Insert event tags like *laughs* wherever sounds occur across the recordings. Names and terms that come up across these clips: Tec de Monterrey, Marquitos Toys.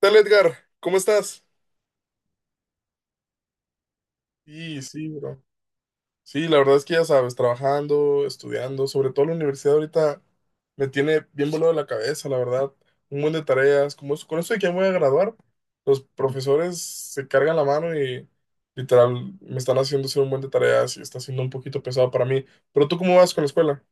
Tal, Edgar? ¿Cómo estás? Sí, bro. Sí, la verdad es que ya sabes, trabajando, estudiando, sobre todo la universidad ahorita me tiene bien volado la cabeza, la verdad. Un buen de tareas, como con eso de que ya me voy a graduar, los profesores se cargan la mano y literal me están haciendo hacer un buen de tareas y está siendo un poquito pesado para mí. Pero tú, ¿cómo vas con la escuela?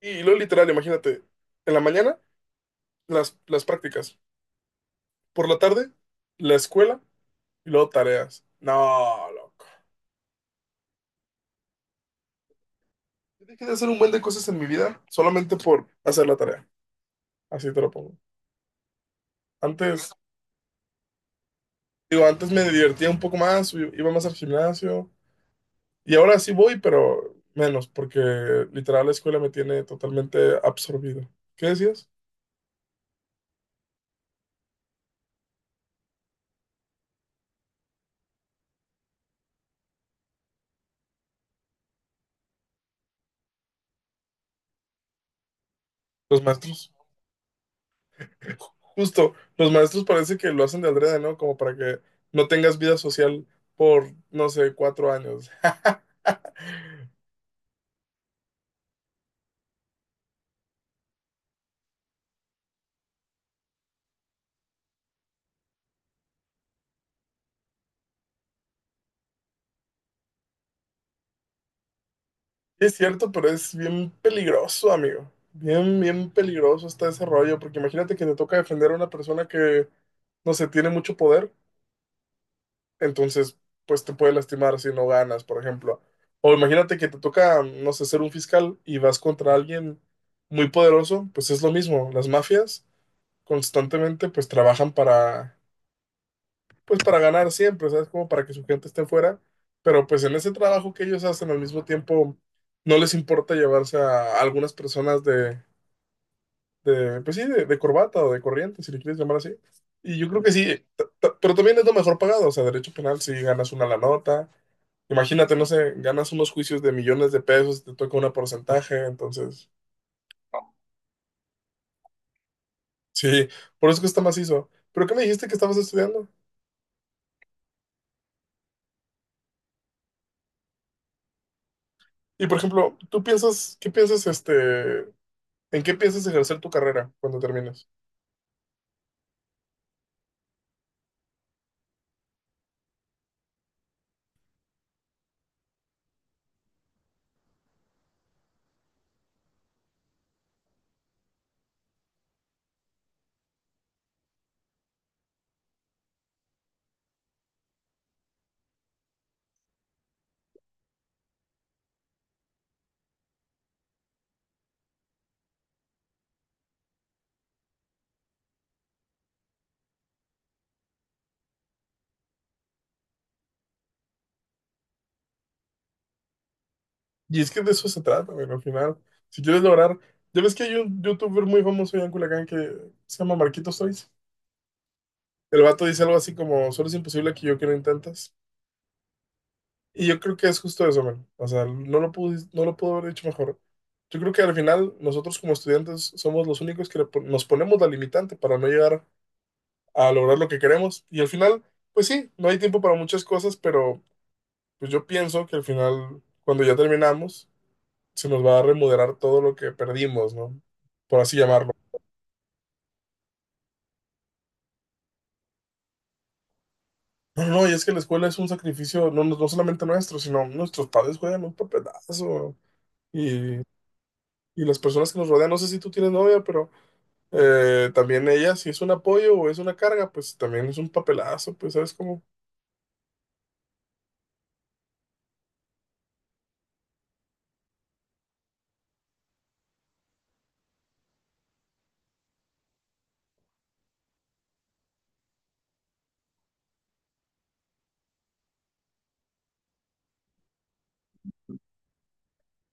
Y luego, literal, imagínate, en la mañana las prácticas, por la tarde la escuela y luego tareas. No, loco. Dejé de hacer un buen de cosas en mi vida solamente por hacer la tarea. Así te lo pongo. Antes, digo, antes me divertía un poco más, iba más al gimnasio y ahora sí voy, pero menos, porque literal la escuela me tiene totalmente absorbido. ¿Qué decías? Los maestros. Justo, los maestros parece que lo hacen de adrede, ¿no? Como para que no tengas vida social por, no sé, 4 años. *laughs* Es cierto, pero es bien peligroso, amigo. Bien, bien peligroso está ese rollo, porque imagínate que te toca defender a una persona que, no sé, tiene mucho poder, entonces, pues te puede lastimar si no ganas, por ejemplo. O imagínate que te toca, no sé, ser un fiscal y vas contra alguien muy poderoso, pues es lo mismo. Las mafias constantemente, pues trabajan para pues para ganar siempre, ¿sabes? Como para que su gente esté fuera, pero pues en ese trabajo que ellos hacen al mismo tiempo no les importa llevarse a algunas personas de pues sí, de corbata o de corriente, si le quieres llamar así. Y yo creo que sí, pero también es lo mejor pagado, o sea, derecho penal si ganas una la nota. Imagínate, no sé, ganas unos juicios de millones de pesos, te toca un porcentaje, entonces, sí, por eso que está macizo. ¿Pero qué me dijiste que estabas estudiando? Y por ejemplo, ¿tú piensas, qué piensas ¿En qué piensas ejercer tu carrera cuando termines? Y es que de eso se trata, bueno, al final. Si quieres lograr. Ya ves que hay un youtuber muy famoso allá en Culiacán que se llama Marquitos Toys. El vato dice algo así como: Solo es imposible que yo que lo intentas. Y yo creo que es justo eso, man. O sea, no lo pude, no lo pudo haber hecho mejor. Yo creo que al final, nosotros como estudiantes somos los únicos que nos ponemos la limitante para no llegar a lograr lo que queremos. Y al final, pues sí, no hay tiempo para muchas cosas, pero pues yo pienso que al final, cuando ya terminamos se nos va a remodelar todo lo que perdimos, ¿no? Por así llamarlo. No, no, no, y es que la escuela es un sacrificio, no, no solamente nuestro, sino nuestros padres juegan un papelazo. Y, y las personas que nos rodean, no sé si tú tienes novia, pero también ella, si es un apoyo o es una carga, pues también es un papelazo, pues, ¿sabes cómo?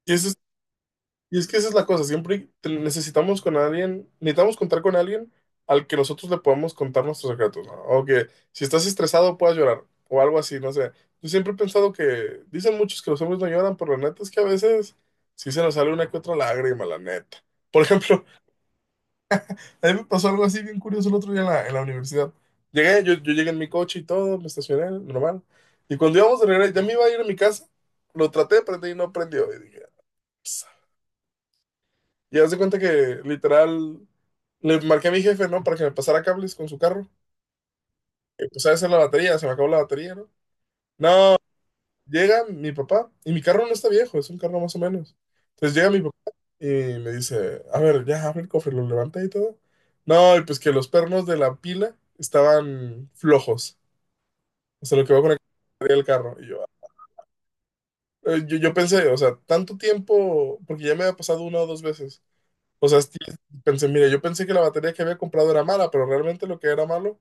Y ese Y es que esa es la cosa, siempre necesitamos con alguien, necesitamos contar con alguien al que nosotros le podamos contar nuestros secretos, ¿no? O que si estás estresado puedas llorar, o algo así, no sé. Yo siempre he pensado que, dicen muchos que los hombres no lloran, pero la neta es que a veces sí se nos sale una que otra lágrima, la neta. Por ejemplo, *laughs* a mí me pasó algo así bien curioso el otro día en la universidad. Llegué, yo llegué en mi coche y todo, me estacioné, normal. Y cuando íbamos de regreso, ya me iba a ir a mi casa, lo traté de prender y no prendió. Y dije, Y haz de cuenta que literal le marqué a mi jefe, ¿no? Para que me pasara cables con su carro. Empecé a hacer la batería, se me acabó la batería, ¿no? No, llega mi papá y mi carro no está viejo, es un carro más o menos. Entonces llega mi papá y me dice, a ver, ya abre el cofre, lo levanta y todo. No, y pues que los pernos de la pila estaban flojos, o sea, lo que va con la batería del carro. Y yo, yo pensé, o sea, tanto tiempo, porque ya me había pasado una o dos veces. O sea, sí, pensé, mira, yo pensé que la batería que había comprado era mala, pero realmente lo que era malo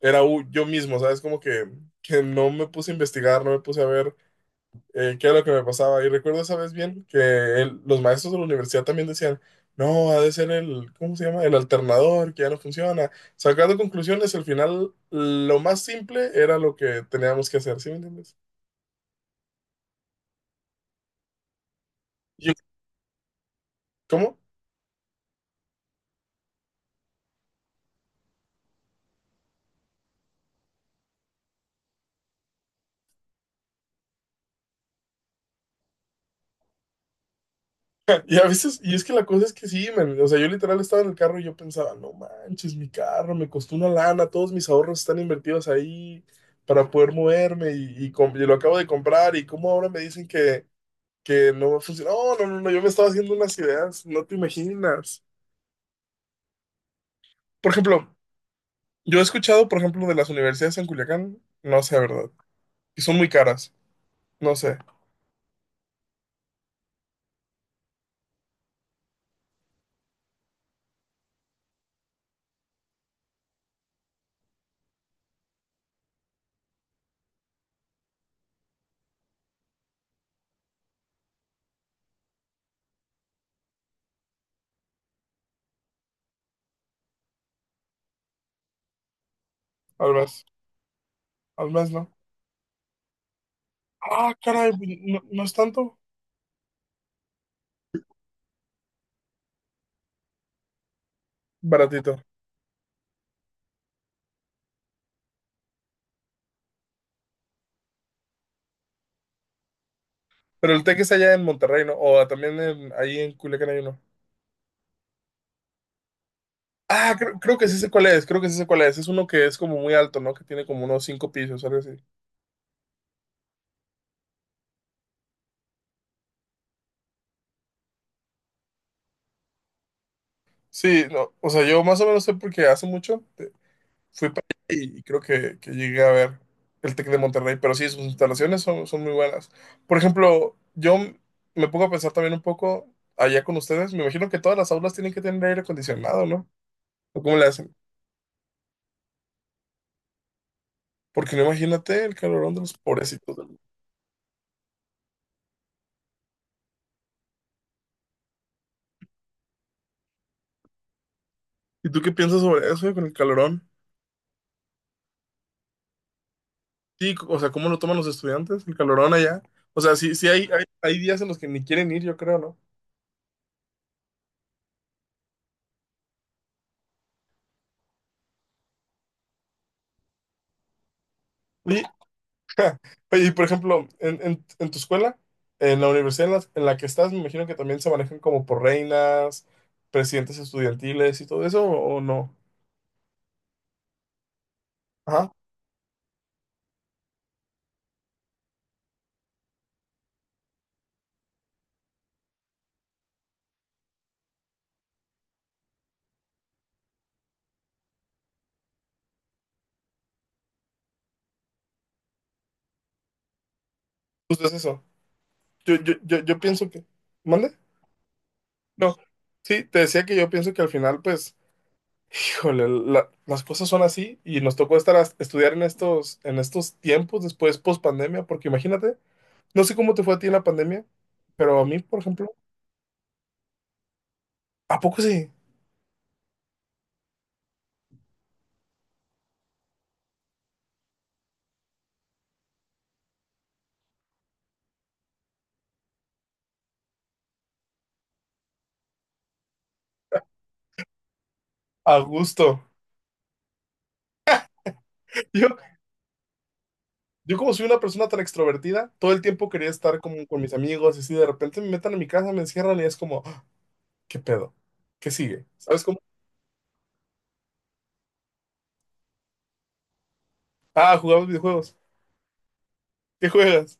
era yo mismo, ¿sabes? Como que no me puse a investigar, no me puse a ver qué era lo que me pasaba. Y recuerdo esa vez bien que los maestros de la universidad también decían, no, ha de ser el, ¿cómo se llama? El alternador, que ya no funciona. Sacando conclusiones, al final lo más simple era lo que teníamos que hacer, ¿sí me entiendes? Yo- ¿Cómo? *laughs* Y a veces, y es que la cosa es que sí, man, o sea, yo literal estaba en el carro y yo pensaba, no manches, mi carro me costó una lana, todos mis ahorros están invertidos ahí para poder moverme y y lo acabo de comprar y cómo ahora me dicen que no va a funcionar. No, no, no, no, yo me estaba haciendo unas ideas, no te imaginas. Por ejemplo, yo he escuchado, por ejemplo, de las universidades en Culiacán, no sé, ¿verdad? Y son muy caras, no sé, al mes, al mes no. Ah, caray, pues, no, no es tanto, baratito. Pero el Tec es allá en Monterrey, ¿no? O también ahí en Culiacán hay uno. Ah, creo que sí sé cuál es, creo que sí sé cuál es. Es uno que es como muy alto, ¿no? Que tiene como unos cinco pisos, algo así. Sí, no, o sea, yo más o menos sé porque hace mucho fui para allá y creo que llegué a ver el Tec de Monterrey, pero sí, sus instalaciones son, son muy buenas. Por ejemplo, me pongo a pensar también un poco allá con ustedes. Me imagino que todas las aulas tienen que tener aire acondicionado, ¿no? ¿O cómo le hacen? Porque no imagínate el calorón de los pobrecitos. ¿Y tú qué piensas sobre eso, con el calorón? Sí, o sea, ¿cómo lo toman los estudiantes, el calorón allá? O sea, sí, sí hay días en los que ni quieren ir, yo creo, ¿no? Oye, *laughs* oye, y por ejemplo, en tu escuela, en la universidad en la que estás, me imagino que también se manejan como por reinas, presidentes estudiantiles y todo eso, o no? Ajá, justo es eso. Yo pienso que... ¿Mande? No. Sí, te decía que yo pienso que al final, pues... Híjole, las cosas son así y nos tocó estar a estudiar en estos tiempos después post pandemia, porque imagínate, no sé cómo te fue a ti en la pandemia, pero a mí, por ejemplo, ¿a poco sí? A gusto. *laughs* Yo, yo como soy una persona tan extrovertida, todo el tiempo quería estar como con mis amigos y así de repente me metan en mi casa, me encierran y es como, "Ah, ¿qué pedo? ¿Qué sigue? ¿Sabes cómo? Ah, jugamos videojuegos. ¿Qué juegas? *laughs*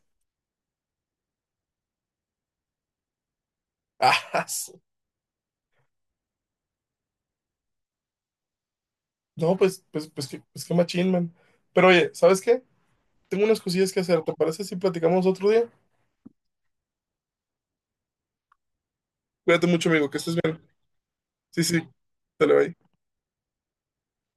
Ah, su- no, pues qué machín, man. Pero oye, ¿sabes qué? Tengo unas cosillas que hacer, ¿te parece si platicamos otro día? Cuídate mucho, amigo, que estés bien. Sí, sí, dale, bye.